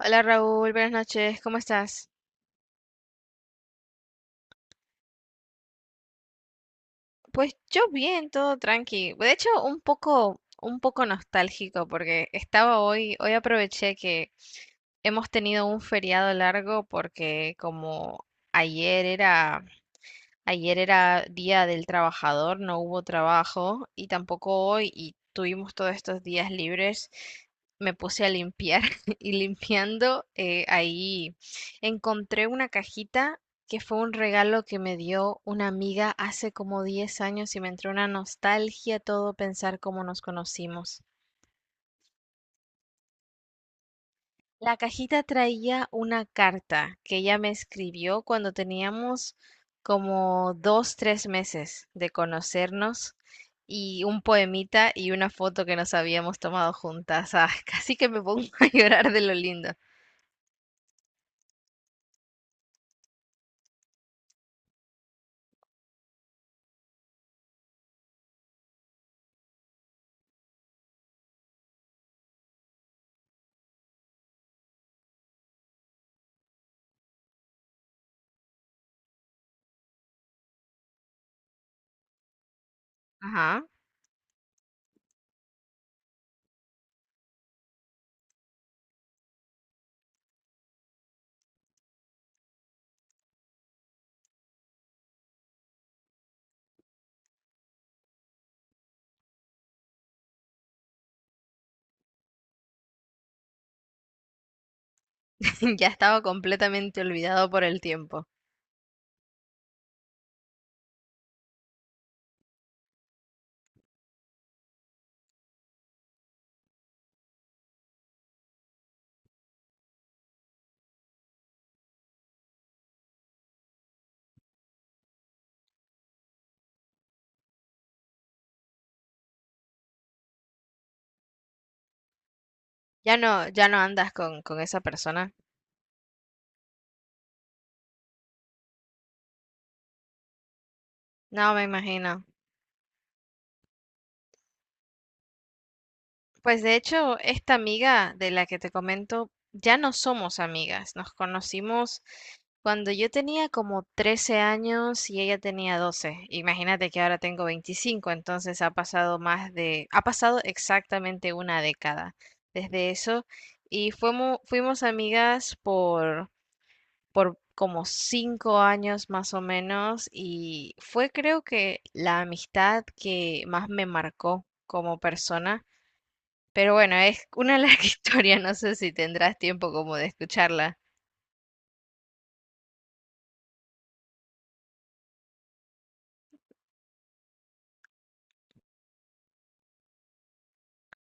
Hola Raúl, buenas noches, ¿cómo estás? Pues yo bien, todo tranqui. De hecho, un poco nostálgico porque hoy aproveché que hemos tenido un feriado largo porque como ayer era Ayer era Día del Trabajador, no hubo trabajo y tampoco hoy y tuvimos todos estos días libres. Me puse a limpiar y limpiando ahí encontré una cajita que fue un regalo que me dio una amiga hace como 10 años y me entró una nostalgia todo pensar cómo nos conocimos. La cajita traía una carta que ella me escribió cuando teníamos como dos, tres meses de conocernos y un poemita y una foto que nos habíamos tomado juntas. Ah, casi que me pongo a llorar de lo lindo. Ajá. Ya estaba completamente olvidado por el tiempo. Ya no, ya no andas con esa persona. No, me imagino. Pues de hecho, esta amiga de la que te comento, ya no somos amigas. Nos conocimos cuando yo tenía como 13 años y ella tenía 12. Imagínate que ahora tengo 25, entonces ha pasado ha pasado exactamente una década desde eso. Y fuimos amigas por como 5 años más o menos y fue creo que la amistad que más me marcó como persona, pero bueno, es una larga historia, no sé si tendrás tiempo como de escucharla.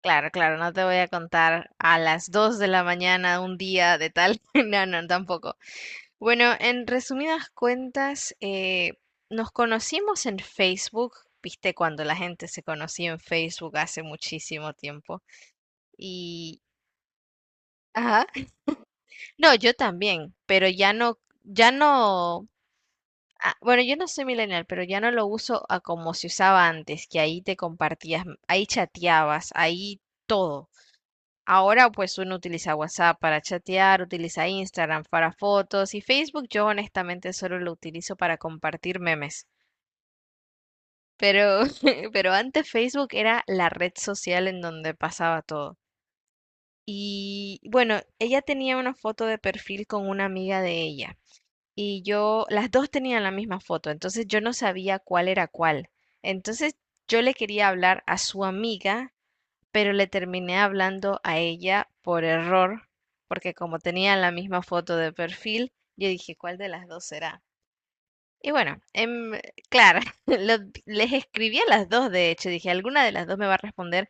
Claro, claro, no te voy a contar a las 2 de la mañana un día de tal. No, no, tampoco. Bueno, en resumidas cuentas, nos conocimos en Facebook, viste, cuando la gente se conocía en Facebook hace muchísimo tiempo. Y, ajá, no, yo también, pero ya no. Ah, bueno, yo no soy millennial, pero ya no lo uso a como se usaba antes, que ahí te compartías, ahí chateabas, ahí todo. Ahora pues uno utiliza WhatsApp para chatear, utiliza Instagram para fotos y Facebook yo honestamente solo lo utilizo para compartir memes. Pero, pero antes Facebook era la red social en donde pasaba todo. Y bueno, ella tenía una foto de perfil con una amiga de ella. Y yo, las dos tenían la misma foto, entonces yo no sabía cuál era cuál. Entonces yo le quería hablar a su amiga, pero le terminé hablando a ella por error, porque como tenían la misma foto de perfil, yo dije, ¿cuál de las dos será? Y bueno, claro, lo- les escribí a las dos, de hecho, dije, alguna de las dos me va a responder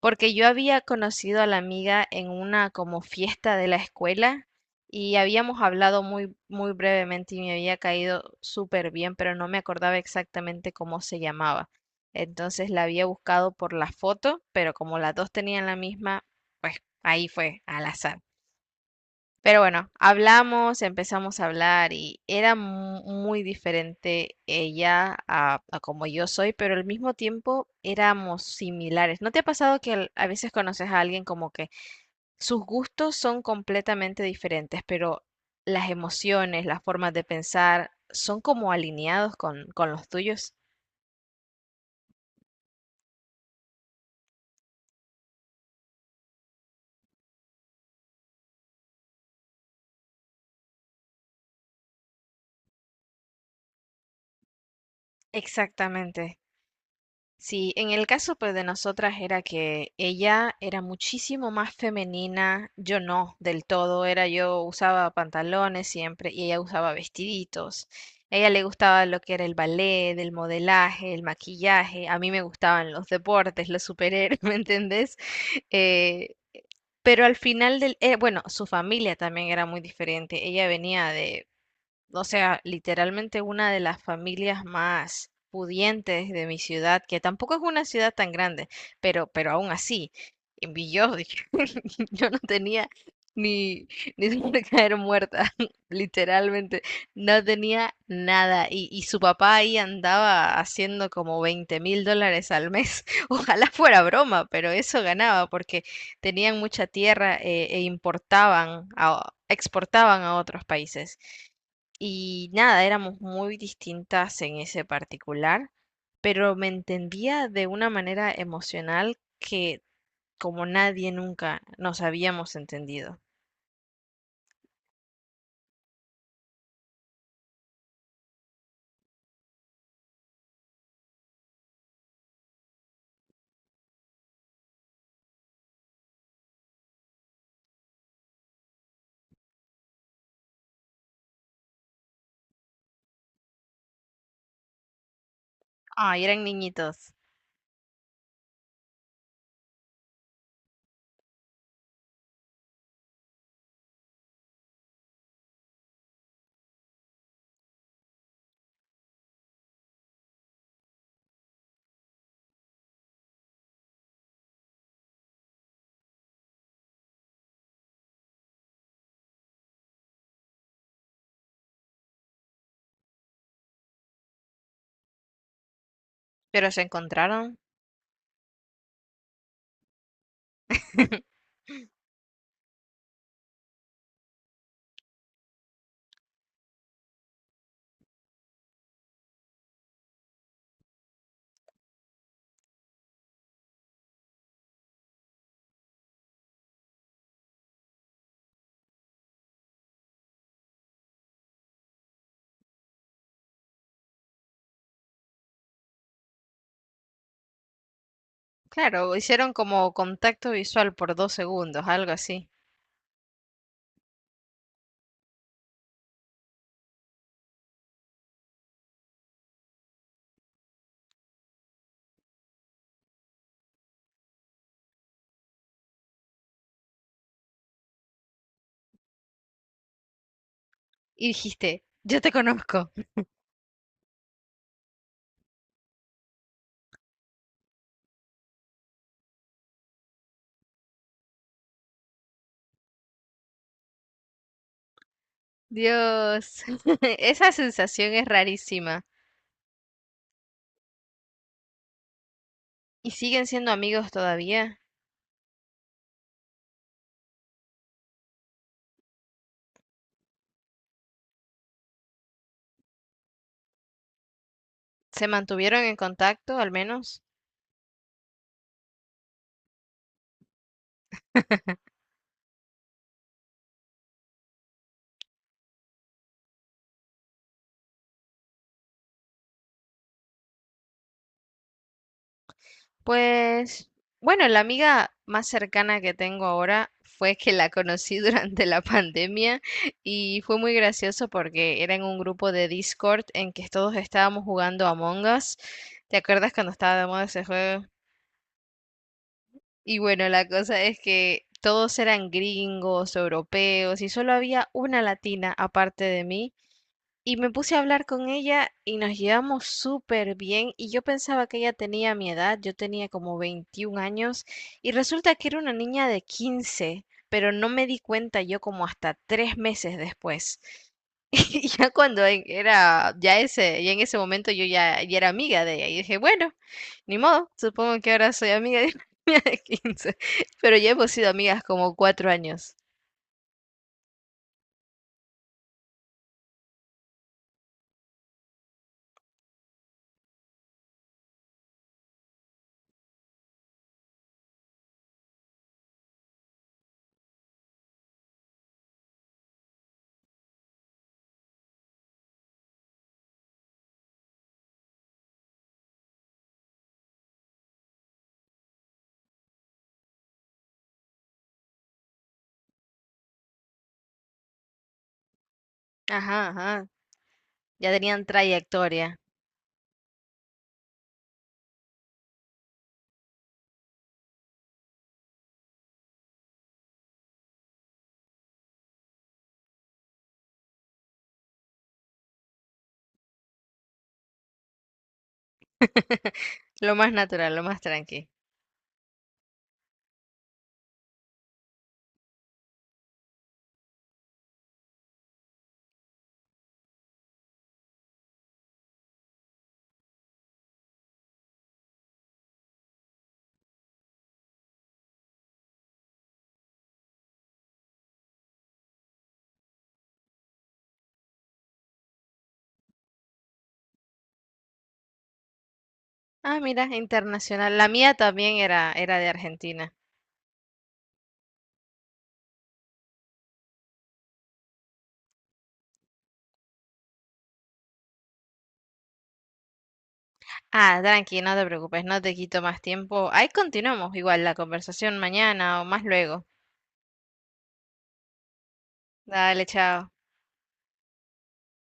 porque yo había conocido a la amiga en una como fiesta de la escuela y habíamos hablado muy, muy brevemente y me había caído súper bien, pero no me acordaba exactamente cómo se llamaba. Entonces la había buscado por la foto, pero como las dos tenían la misma, pues ahí fue al azar. Pero bueno, hablamos, empezamos a hablar y era muy diferente ella a como yo soy, pero al mismo tiempo éramos similares. ¿No te ha pasado que a veces conoces a alguien como que sus gustos son completamente diferentes, pero las emociones, las formas de pensar son como alineados con los tuyos? Exactamente. Sí, en el caso pues de nosotras era que ella era muchísimo más femenina, yo no, del todo, era yo usaba pantalones siempre y ella usaba vestiditos. A ella le gustaba lo que era el ballet, el modelaje, el maquillaje, a mí me gustaban los deportes, los superhéroes, ¿me entendés? Eh, pero bueno, su familia también era muy diferente, ella venía de o sea, literalmente una de las familias más pudientes de mi ciudad, que tampoco es una ciudad tan grande, pero, aún así, en yo, yo no tenía ni, ni dónde caer muerta, literalmente, no tenía nada. Y su papá ahí andaba haciendo como 20.000 dólares al mes. Ojalá fuera broma, pero eso ganaba porque tenían mucha tierra e importaban, exportaban a otros países. Y nada, éramos muy distintas en ese particular, pero me entendía de una manera emocional que como nadie nunca nos habíamos entendido. Ay, eran niñitos, pero se encontraron. Claro, hicieron como contacto visual por 2 segundos, algo así. Y dijiste, yo te conozco. Dios, esa sensación es rarísima. ¿Y siguen siendo amigos todavía? ¿Se mantuvieron en contacto al menos? Pues, bueno, la amiga más cercana que tengo ahora fue que la conocí durante la pandemia y fue muy gracioso porque era en un grupo de Discord en que todos estábamos jugando Among Us. ¿Te acuerdas cuando estaba de moda ese juego? Y bueno, la cosa es que todos eran gringos, europeos y solo había una latina aparte de mí. Y me puse a hablar con ella y nos llevamos súper bien y yo pensaba que ella tenía mi edad, yo tenía como 21 años y resulta que era una niña de 15, pero no me di cuenta yo como hasta 3 meses después. Y ya cuando ya en ese momento yo ya era amiga de ella y dije, bueno, ni modo, supongo que ahora soy amiga de una niña de 15, pero ya hemos sido amigas como 4 años. Ajá, ajá, ya tenían trayectoria. Lo más natural, lo más tranqui. Ah, mira, internacional. La mía también era de Argentina. Ah, tranqui, no te preocupes, no te quito más tiempo. Ahí continuamos igual la conversación mañana o más luego. Dale, chao.